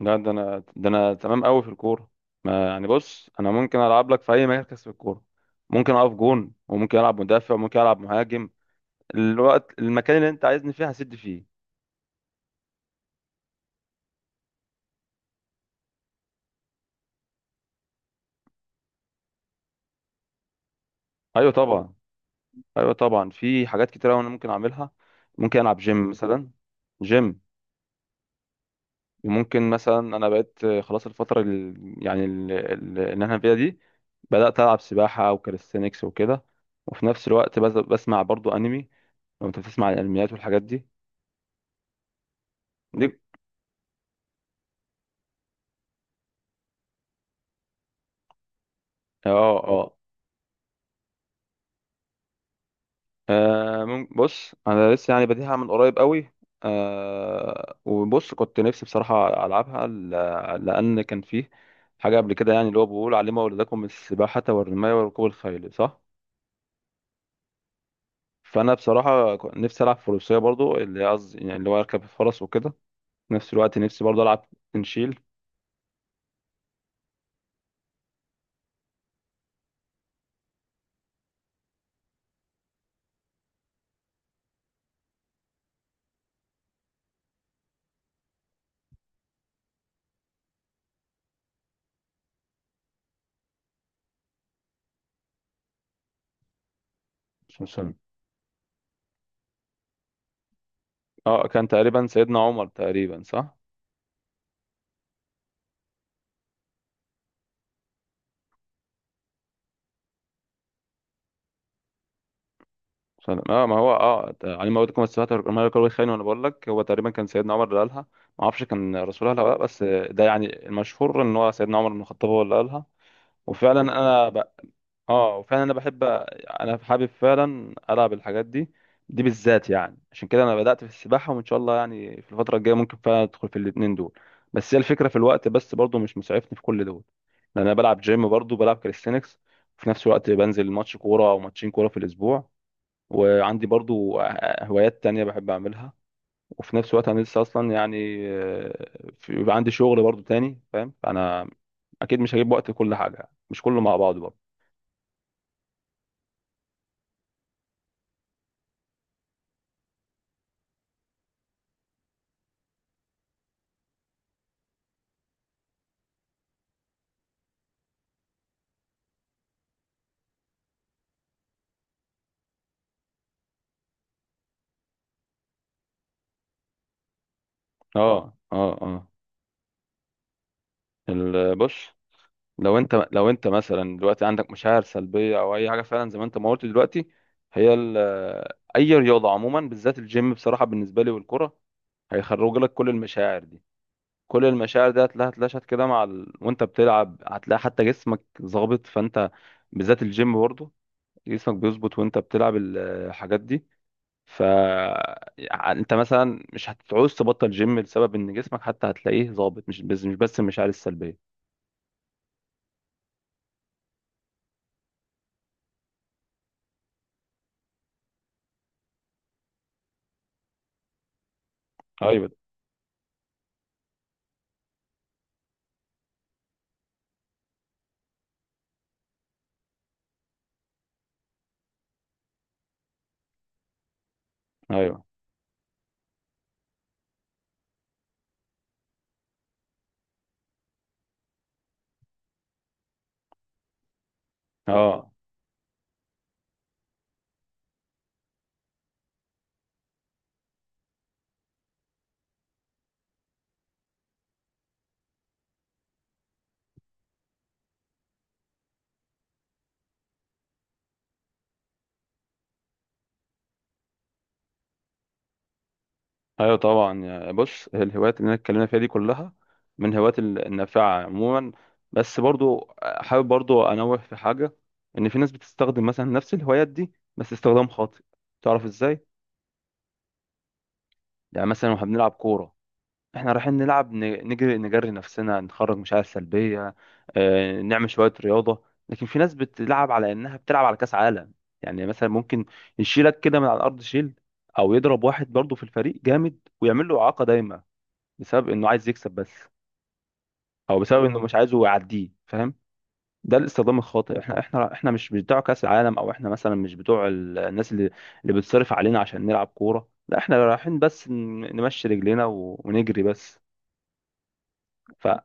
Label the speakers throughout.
Speaker 1: لا، ده انا تمام قوي في الكوره. ما يعني، بص، انا ممكن العب لك في اي مركز في الكوره. ممكن اقف جون، وممكن العب مدافع، وممكن العب مهاجم. الوقت المكان اللي انت عايزني فيه هسد فيه. ايوه، طبعا. ايوه طبعا، في حاجات كتيره انا ممكن اعملها. ممكن العب جيم مثلا. جيم. وممكن مثلا انا بقيت، خلاص. الفتره يعني اللي انا فيها دي، بدات العب سباحه او كاليستينكس وكده. وفي نفس الوقت، بسمع برضو انمي. لو انت بتسمع عن الانميات والحاجات دي. اه، اه. بص، انا لسه يعني بديها من قريب قوي. وبص، كنت نفسي بصراحه العبها، لان كان فيه حاجه قبل كده، يعني اللي هو بيقول علموا اولادكم السباحه والرمايه وركوب الخيل، صح؟ فانا بصراحه كنت نفسي العب فروسيه برضو، اللي قصدي يعني اللي هو اركب الفرس وكده. في نفس الوقت نفسي برضو العب تنشيل سلسلة. اه، كان تقريبا سيدنا عمر تقريبا، صح؟ سلام، اه، ما هو، اه، علم موتكم السبات ما يقال الخير، وانا بقول لك هو تقريبا كان سيدنا عمر اللي قالها. ما اعرفش كان رسول الله ولا لا، بس ده يعني المشهور ان هو سيدنا عمر بن الخطاب هو اللي قالها. وفعلا انا اه، وفعلا انا بحب، انا حابب فعلا العب الحاجات دي، دي بالذات يعني. عشان كده انا بدأت في السباحة، وان شاء الله يعني في الفترة الجاية ممكن فعلا ادخل في الاتنين دول. بس هي الفكرة، في الوقت بس برضو مش مسعفني في كل دول، لان انا بلعب جيم، برضو بلعب كاليستينكس، وفي نفس الوقت بنزل ماتش كورة او ماتشين كورة في الاسبوع. وعندي برضو هوايات تانية بحب أعملها. وفي نفس الوقت أنا لسه أصلا يعني بيبقى عندي شغل برضو تاني، فاهم؟ أنا أكيد مش هجيب وقت لكل حاجة، مش كله مع بعضه برضو. اه. أه أه أه بص، لو أنت مثلا دلوقتي عندك مشاعر سلبية أو أي حاجة فعلا زي ما أنت ما قلت دلوقتي. هي أي رياضة عموما، بالذات الجيم بصراحة، بالنسبة لي، والكرة، هيخرج لك كل المشاعر دي. كل المشاعر دي هتلاقيها اتلاشت كده وانت بتلعب، هتلاقي حتى جسمك ظابط، فانت بالذات الجيم برضه جسمك بيظبط وانت بتلعب الحاجات دي. ف يعني انت مثلا مش هتعوز تبطل جيم لسبب ان جسمك حتى هتلاقيه ظابط، مش بس المشاعر السلبية. ايوه. ايوه. اه. ايوه طبعا، بص، الهوايات اللي انا اتكلمنا فيها دي كلها من الهوايات النافعه عموما. بس برضو حابب برضو انوه في حاجه، ان في ناس بتستخدم مثلا نفس الهوايات دي بس استخدام خاطئ. تعرف ازاي؟ يعني مثلا، واحنا بنلعب كوره، احنا رايحين نلعب، نجري، نجري نفسنا، نخرج مشاعر سلبيه، نعمل شويه رياضه. لكن في ناس بتلعب على انها بتلعب على كاس عالم، يعني مثلا ممكن يشيلك كده من على الارض شيل، او يضرب واحد برضو في الفريق جامد ويعمل له اعاقه دايما، بسبب انه عايز يكسب بس، او بسبب انه مش عايزه يعديه، فاهم؟ ده الاستخدام الخاطئ. احنا مش بتوع كاس العالم، او احنا مثلا مش بتوع الناس اللي بتصرف علينا عشان نلعب كوره. لا، احنا رايحين بس نمشي رجلينا ونجري بس. ف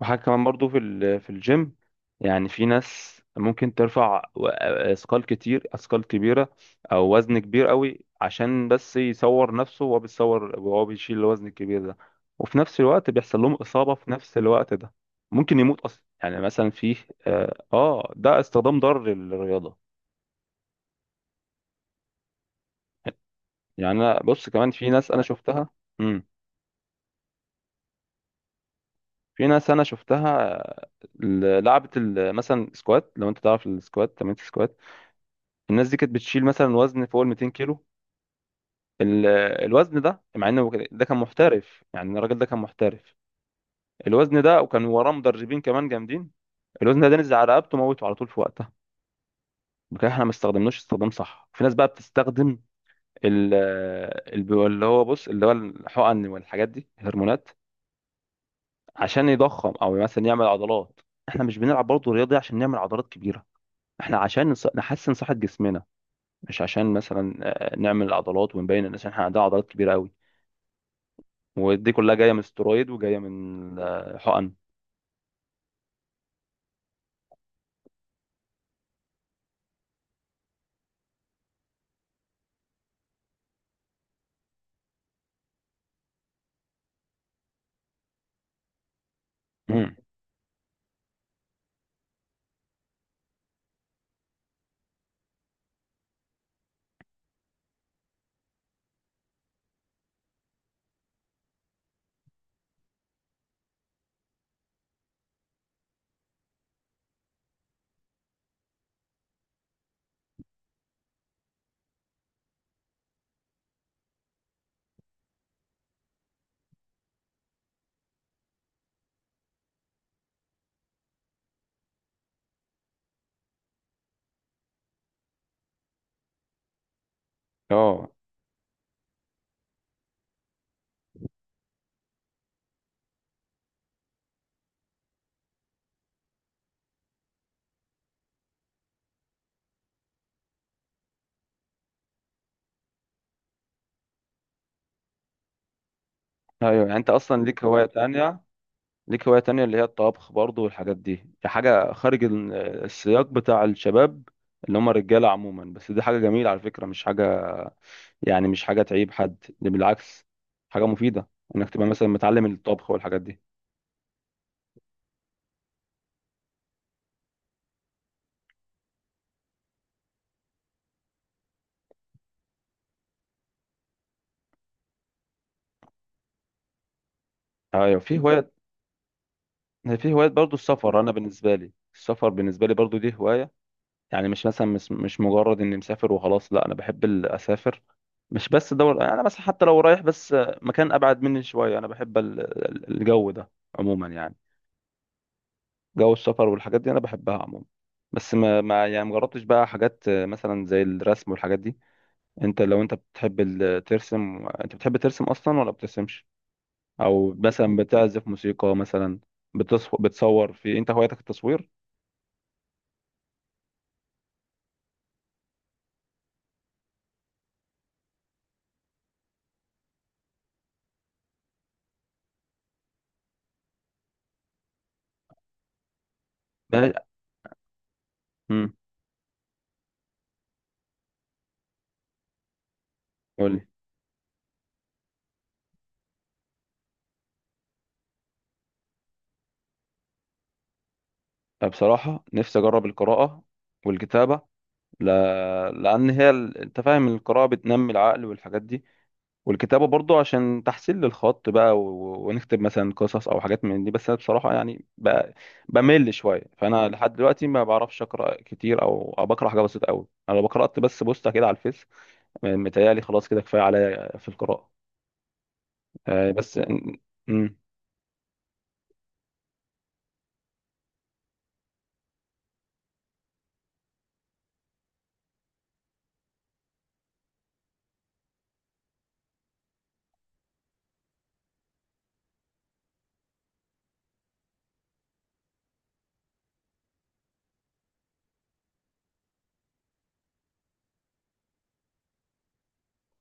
Speaker 1: وحاجة كمان برضو في الجيم، يعني في ناس ممكن ترفع اثقال كتير، اثقال كبيرة، او وزن كبير قوي، عشان بس يصور نفسه، وهو بيصور وهو بيشيل الوزن الكبير ده، وفي نفس الوقت بيحصل لهم إصابة في نفس الوقت ده. ممكن يموت اصلا، يعني مثلا في. اه. ده استخدام ضار للرياضة. يعني انا، بص، كمان في ناس انا شفتها. امم في ناس انا شفتها، لعبت مثلا سكوات. لو انت تعرف السكوات، تمرين السكوات، الناس دي كانت بتشيل مثلا وزن فوق ال 200 كيلو. ال- الوزن ده، مع انه ده كان محترف، يعني الراجل ده كان محترف، الوزن ده، وكان وراه مدربين كمان جامدين، الوزن ده نزل على رقبته، موته على طول في وقتها. بكده احنا ما استخدمناش استخدام صح. في ناس بقى بتستخدم ال- اللي هو، بص، اللي هو الحقن والحاجات دي، الهرمونات، عشان يضخم او مثلا يعمل عضلات. احنا مش بنلعب برضه رياضي عشان نعمل عضلات كبيره، احنا عشان نحسن صحه جسمنا، مش عشان مثلا نعمل عضلات ونبين للناس ان احنا عندنا عضلات كبيره قوي. ودي كلها جايه من سترويد، وجايه من حقن. مم. اه. ايوه يعني انت اصلا ليك هوايه تانية اللي هي الطبخ برضو والحاجات دي. دي حاجه خارج السياق بتاع الشباب، اللي هم الرجاله عموما. بس دي حاجه جميله على فكره، مش حاجه، يعني مش حاجه تعيب حد، دي بالعكس حاجه مفيده، انك تبقى مثلا متعلم الطبخ والحاجات دي. ايوه في هوايه برضو السفر. انا بالنسبه لي، السفر بالنسبه لي برضو دي هوايه، يعني مش مثلا، مش مجرد اني مسافر وخلاص. لا، انا بحب اسافر، مش بس دول، انا مثلا حتى لو رايح بس مكان ابعد مني شويه انا بحب الجو ده عموما، يعني جو السفر والحاجات دي انا بحبها عموما. بس ما يعني مجربتش بقى حاجات مثلا زي الرسم والحاجات دي. انت، لو انت بتحب ترسم، انت بتحب ترسم اصلا ولا بترسمش؟ او مثلا بتعزف موسيقى مثلا، بتصور، في انت هوايتك التصوير؟ ده. امم بصراحة نفسي أجرب القراءة والكتابة، ل... لأن هي أنت فاهم، القراءة بتنمي العقل والحاجات دي، والكتابة برضو عشان تحسين للخط بقى، ونكتب مثلا قصص أو حاجات من دي. بس أنا بصراحة يعني بمل شوية، فأنا لحد دلوقتي ما بعرفش أقرأ كتير، أو بقرأ حاجة بسيطة أوي. أنا لو قرأت بس بوستة كده على الفيس متهيألي خلاص كده كفاية عليا في القراءة. بس م-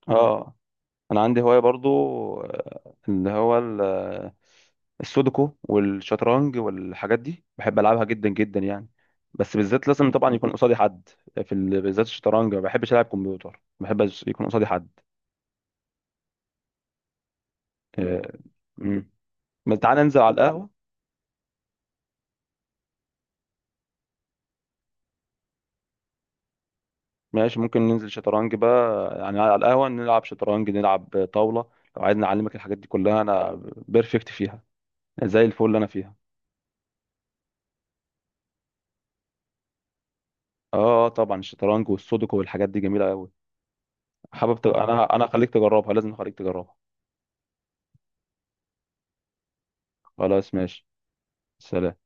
Speaker 1: آه انا عندي هواية برضو، اللي هو السودوكو والشطرنج والحاجات دي بحب العبها جدا جدا يعني. بس بالذات لازم طبعا يكون قصادي حد، بالذات الشطرنج ما بحبش العب كمبيوتر، ما بحبش يكون قصادي حد. آه، مم. ما تعالى ننزل على القهوة. ماشي، ممكن ننزل شطرنج بقى، يعني على القهوة نلعب شطرنج، نلعب طاولة. لو عايزني اعلمك الحاجات دي كلها، انا بيرفكت فيها، زي الفل اللي انا فيها. اه. طبعا الشطرنج والسودوكو والحاجات دي جميلة قوي. حابب انا هخليك تجربها، لازم اخليك تجربها. خلاص، ماشي. سلام.